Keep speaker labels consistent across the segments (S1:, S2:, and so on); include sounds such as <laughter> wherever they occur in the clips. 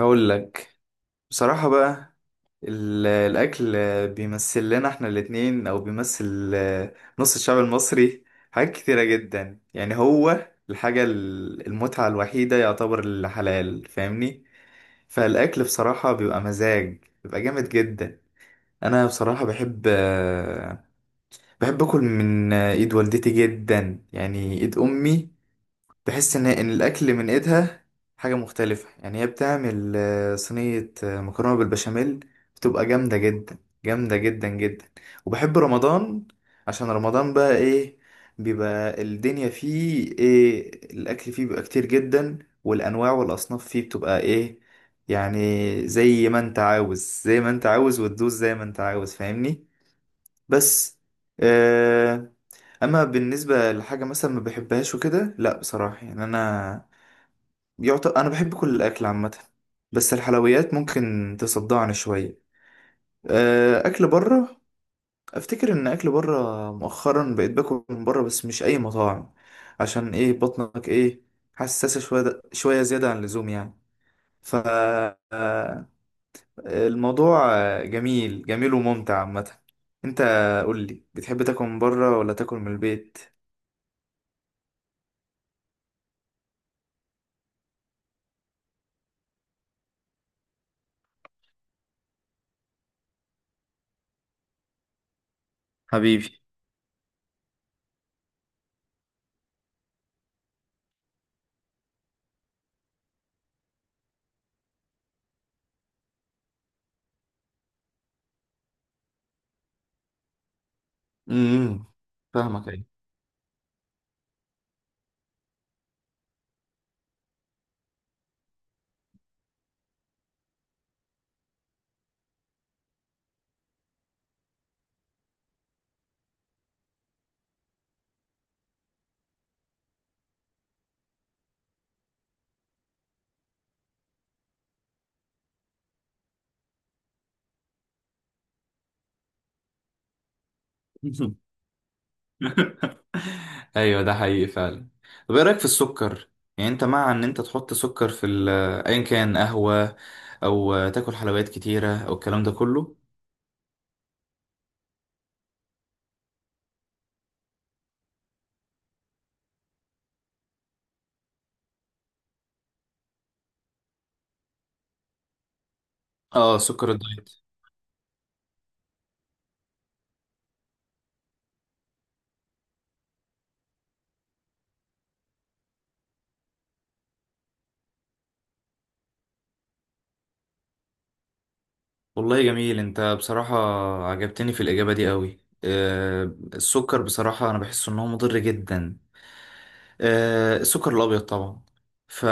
S1: هقول لك بصراحة بقى. الأكل بيمثل لنا احنا الاتنين أو بيمثل نص الشعب المصري حاجات كتيرة جدا. يعني هو الحاجة المتعة الوحيدة يعتبر الحلال، فاهمني؟ فالأكل بصراحة بيبقى مزاج، بيبقى جامد جدا. أنا بصراحة بحب، بحب أكل من إيد والدتي جدا، يعني إيد أمي. تحس ان الاكل من ايدها حاجه مختلفه. يعني هي بتعمل صينيه مكرونه بالبشاميل، بتبقى جامده جدا، جامده جدا جدا. وبحب رمضان عشان رمضان بقى ايه، بيبقى الدنيا فيه ايه، الاكل فيه بيبقى كتير جدا، والانواع والاصناف فيه بتبقى ايه يعني، زي ما انت عاوز زي ما انت عاوز وتدوس زي ما انت عاوز، فاهمني؟ بس آه اما بالنسبه لحاجه مثلا ما بحبهاش وكده، لا بصراحه، يعني انا يعتبر انا بحب كل الاكل عامه، بس الحلويات ممكن تصدعني شويه. اكل بره، افتكر ان اكل بره مؤخرا بقيت باكل من بره، بس مش اي مطاعم، عشان ايه، بطنك ايه حساسه شويه شويه زياده عن اللزوم يعني. ف آه، الموضوع جميل جميل وممتع عامه. انت قول لي، بتحب تاكل من بره ولا تاكل من البيت؟ حبيبي. امم. فاهمك، ايوه. <laughs> ايوه ده حقيقي فعلا. طب ايه رايك في السكر؟ يعني انت مع ان انت تحط سكر في ايا كان قهوه او تاكل حلويات كتيره او الكلام ده كله؟ اه، سكر الدايت. والله جميل انت بصراحه، عجبتني في الاجابه دي قوي. آه، السكر بصراحه انا بحس ان هو مضر جدا، آه السكر الابيض طبعا. ف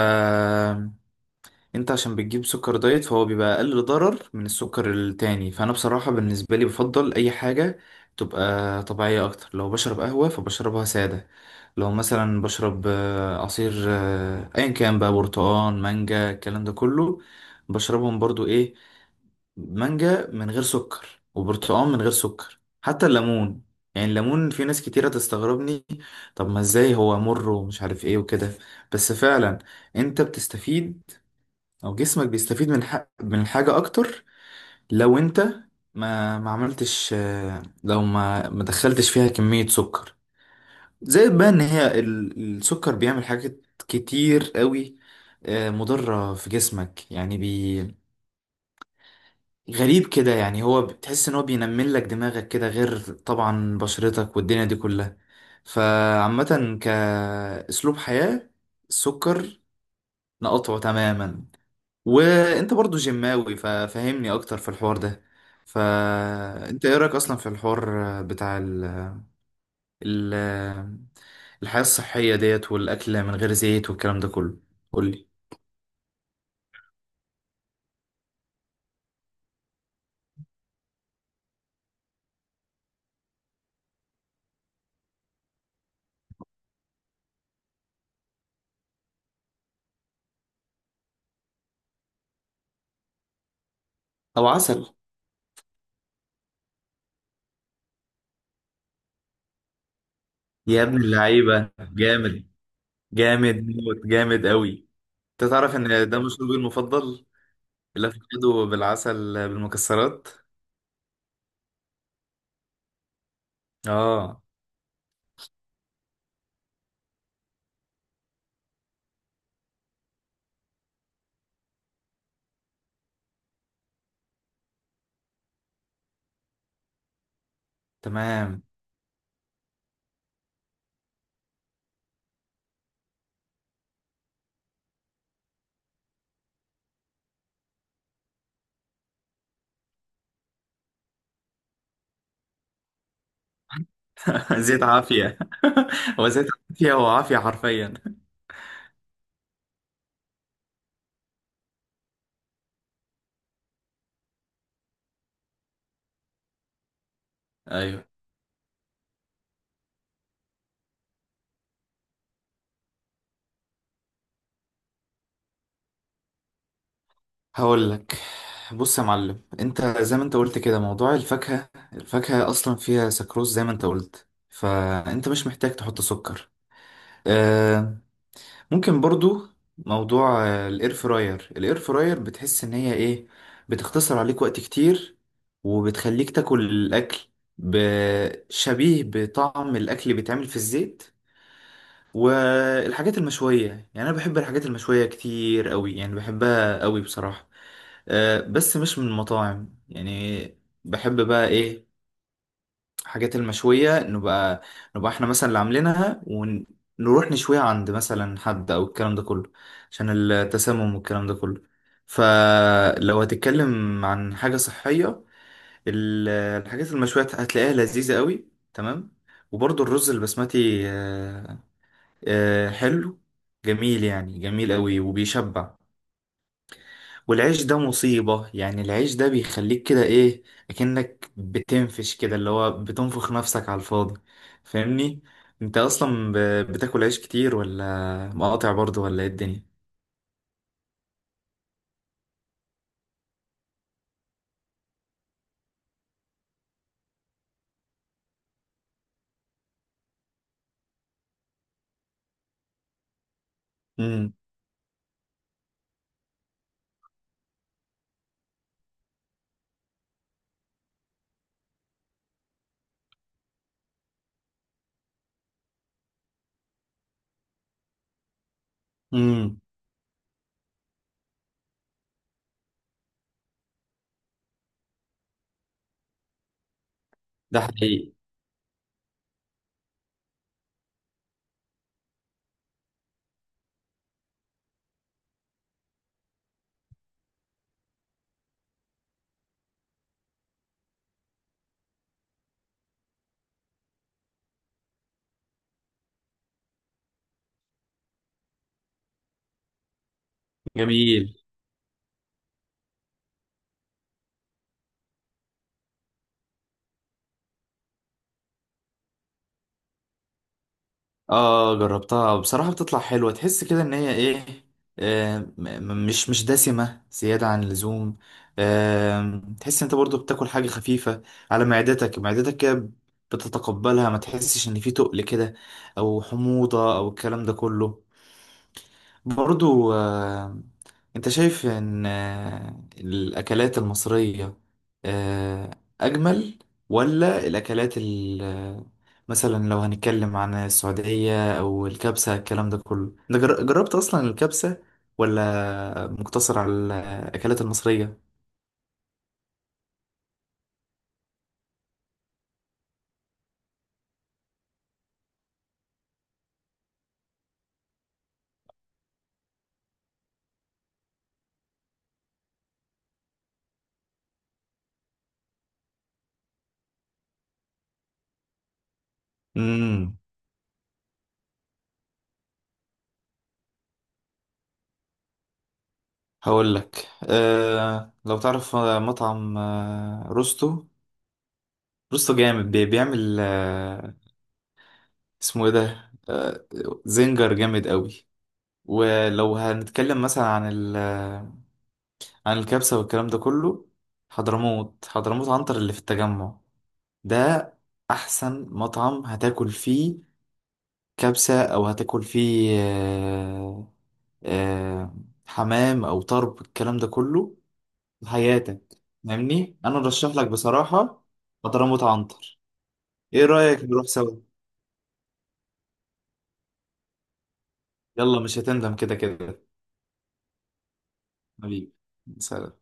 S1: انت عشان بتجيب سكر دايت فهو بيبقى اقل ضرر من السكر التاني. فانا بصراحة بالنسبة لي بفضل اي حاجة تبقى طبيعية اكتر. لو بشرب قهوة فبشربها سادة، لو مثلا بشرب عصير ايا كان بقى، برتقان، مانجا، الكلام ده كله، بشربهم برضو ايه، مانجا من غير سكر وبرتقال من غير سكر، حتى الليمون. يعني الليمون في ناس كتيرة تستغربني، طب ما ازاي هو مر ومش عارف ايه وكده، بس فعلا انت بتستفيد او جسمك بيستفيد من من الحاجة اكتر لو انت ما عملتش، لو ما دخلتش فيها كمية سكر زائد. بقى ان هي السكر بيعمل حاجات كتير قوي مضرة في جسمك، يعني غريب كده. يعني هو بتحس ان هو بينمل لك دماغك كده، غير طبعا بشرتك والدنيا دي كلها. فعامة كأسلوب حياة، السكر نقطعه تماما. وانت برضو جماوي ففهمني اكتر في الحوار ده. فانت ايه رايك اصلا في الحوار بتاع ال... الحياه الصحيه ديت والاكل من غير زيت والكلام ده كله؟ قولي. او عسل. يا ابن اللعيبه جامد، جامد موت، جامد قوي. انت تعرف ان ده مشروبي المفضل، الافوكادو بالعسل بالمكسرات. اه. تمام. <laughs> زيت عافيه. <laughs> هو زيت عافيه، هو عافيه حرفيا. ايوه. هقول لك، بص يا معلم، انت زي ما انت قلت كده، موضوع الفاكهة، الفاكهة اصلا فيها سكروز زي ما انت قلت، فانت مش محتاج تحط سكر. آه، ممكن برضو موضوع الاير فراير. الاير فراير بتحس ان هي ايه، بتختصر عليك وقت كتير، وبتخليك تاكل الاكل شبيه بطعم الاكل اللي بيتعمل في الزيت. والحاجات المشوية، يعني انا بحب الحاجات المشوية كتير قوي، يعني بحبها قوي بصراحة، بس مش من المطاعم يعني. بحب بقى ايه، حاجات المشوية نبقى، نبقى احنا مثلا اللي عاملينها ونروح نشويها عند مثلا حد او الكلام ده كله، عشان التسمم والكلام ده كله. فلو هتتكلم عن حاجة صحية، الحاجات المشوية هتلاقيها لذيذة قوي. تمام. وبرضه الرز البسمتي حلو، جميل يعني، جميل قوي وبيشبع. والعيش ده مصيبة، يعني العيش ده بيخليك كده ايه، اكنك بتنفش كده، اللي هو بتنفخ نفسك على الفاضي، فاهمني؟ انت اصلا بتاكل عيش كتير ولا مقاطع برضو ولا ايه الدنيا؟ امم. امم. ده حقيقي. جميل. اه جربتها بصراحة، بتطلع حلوة، تحس كده ان هي ايه، آه م- م- مش مش دسمة زيادة عن اللزوم. آه تحس انت برضو بتاكل حاجة خفيفة على معدتك، معدتك كده بتتقبلها، ما تحسش ان في تقل كده او حموضة او الكلام ده كله. برضو انت شايف ان الاكلات المصرية آه، اجمل ولا الاكلات مثلا لو هنتكلم عن السعودية او الكبسة الكلام ده كله؟ انت جربت اصلا الكبسة ولا مقتصر على الاكلات المصرية؟ امم. هقول لك. أه لو تعرف مطعم أه روستو، روستو جامد، بيعمل أه، اسمه ايه ده، أه زنجر، جامد قوي. ولو هنتكلم مثلا عن عن الكبسة والكلام ده كله، حضرموت، حضرموت عنتر اللي في التجمع ده، أحسن مطعم هتاكل فيه كبسة، أو هتاكل فيه آه، حمام أو طرب الكلام ده كله في حياتك. فاهمني؟ أنا أرشح لك بصراحة حضرموت عنتر. إيه رأيك نروح سوا؟ يلا مش هتندم كده كده. حبيبي، سلام.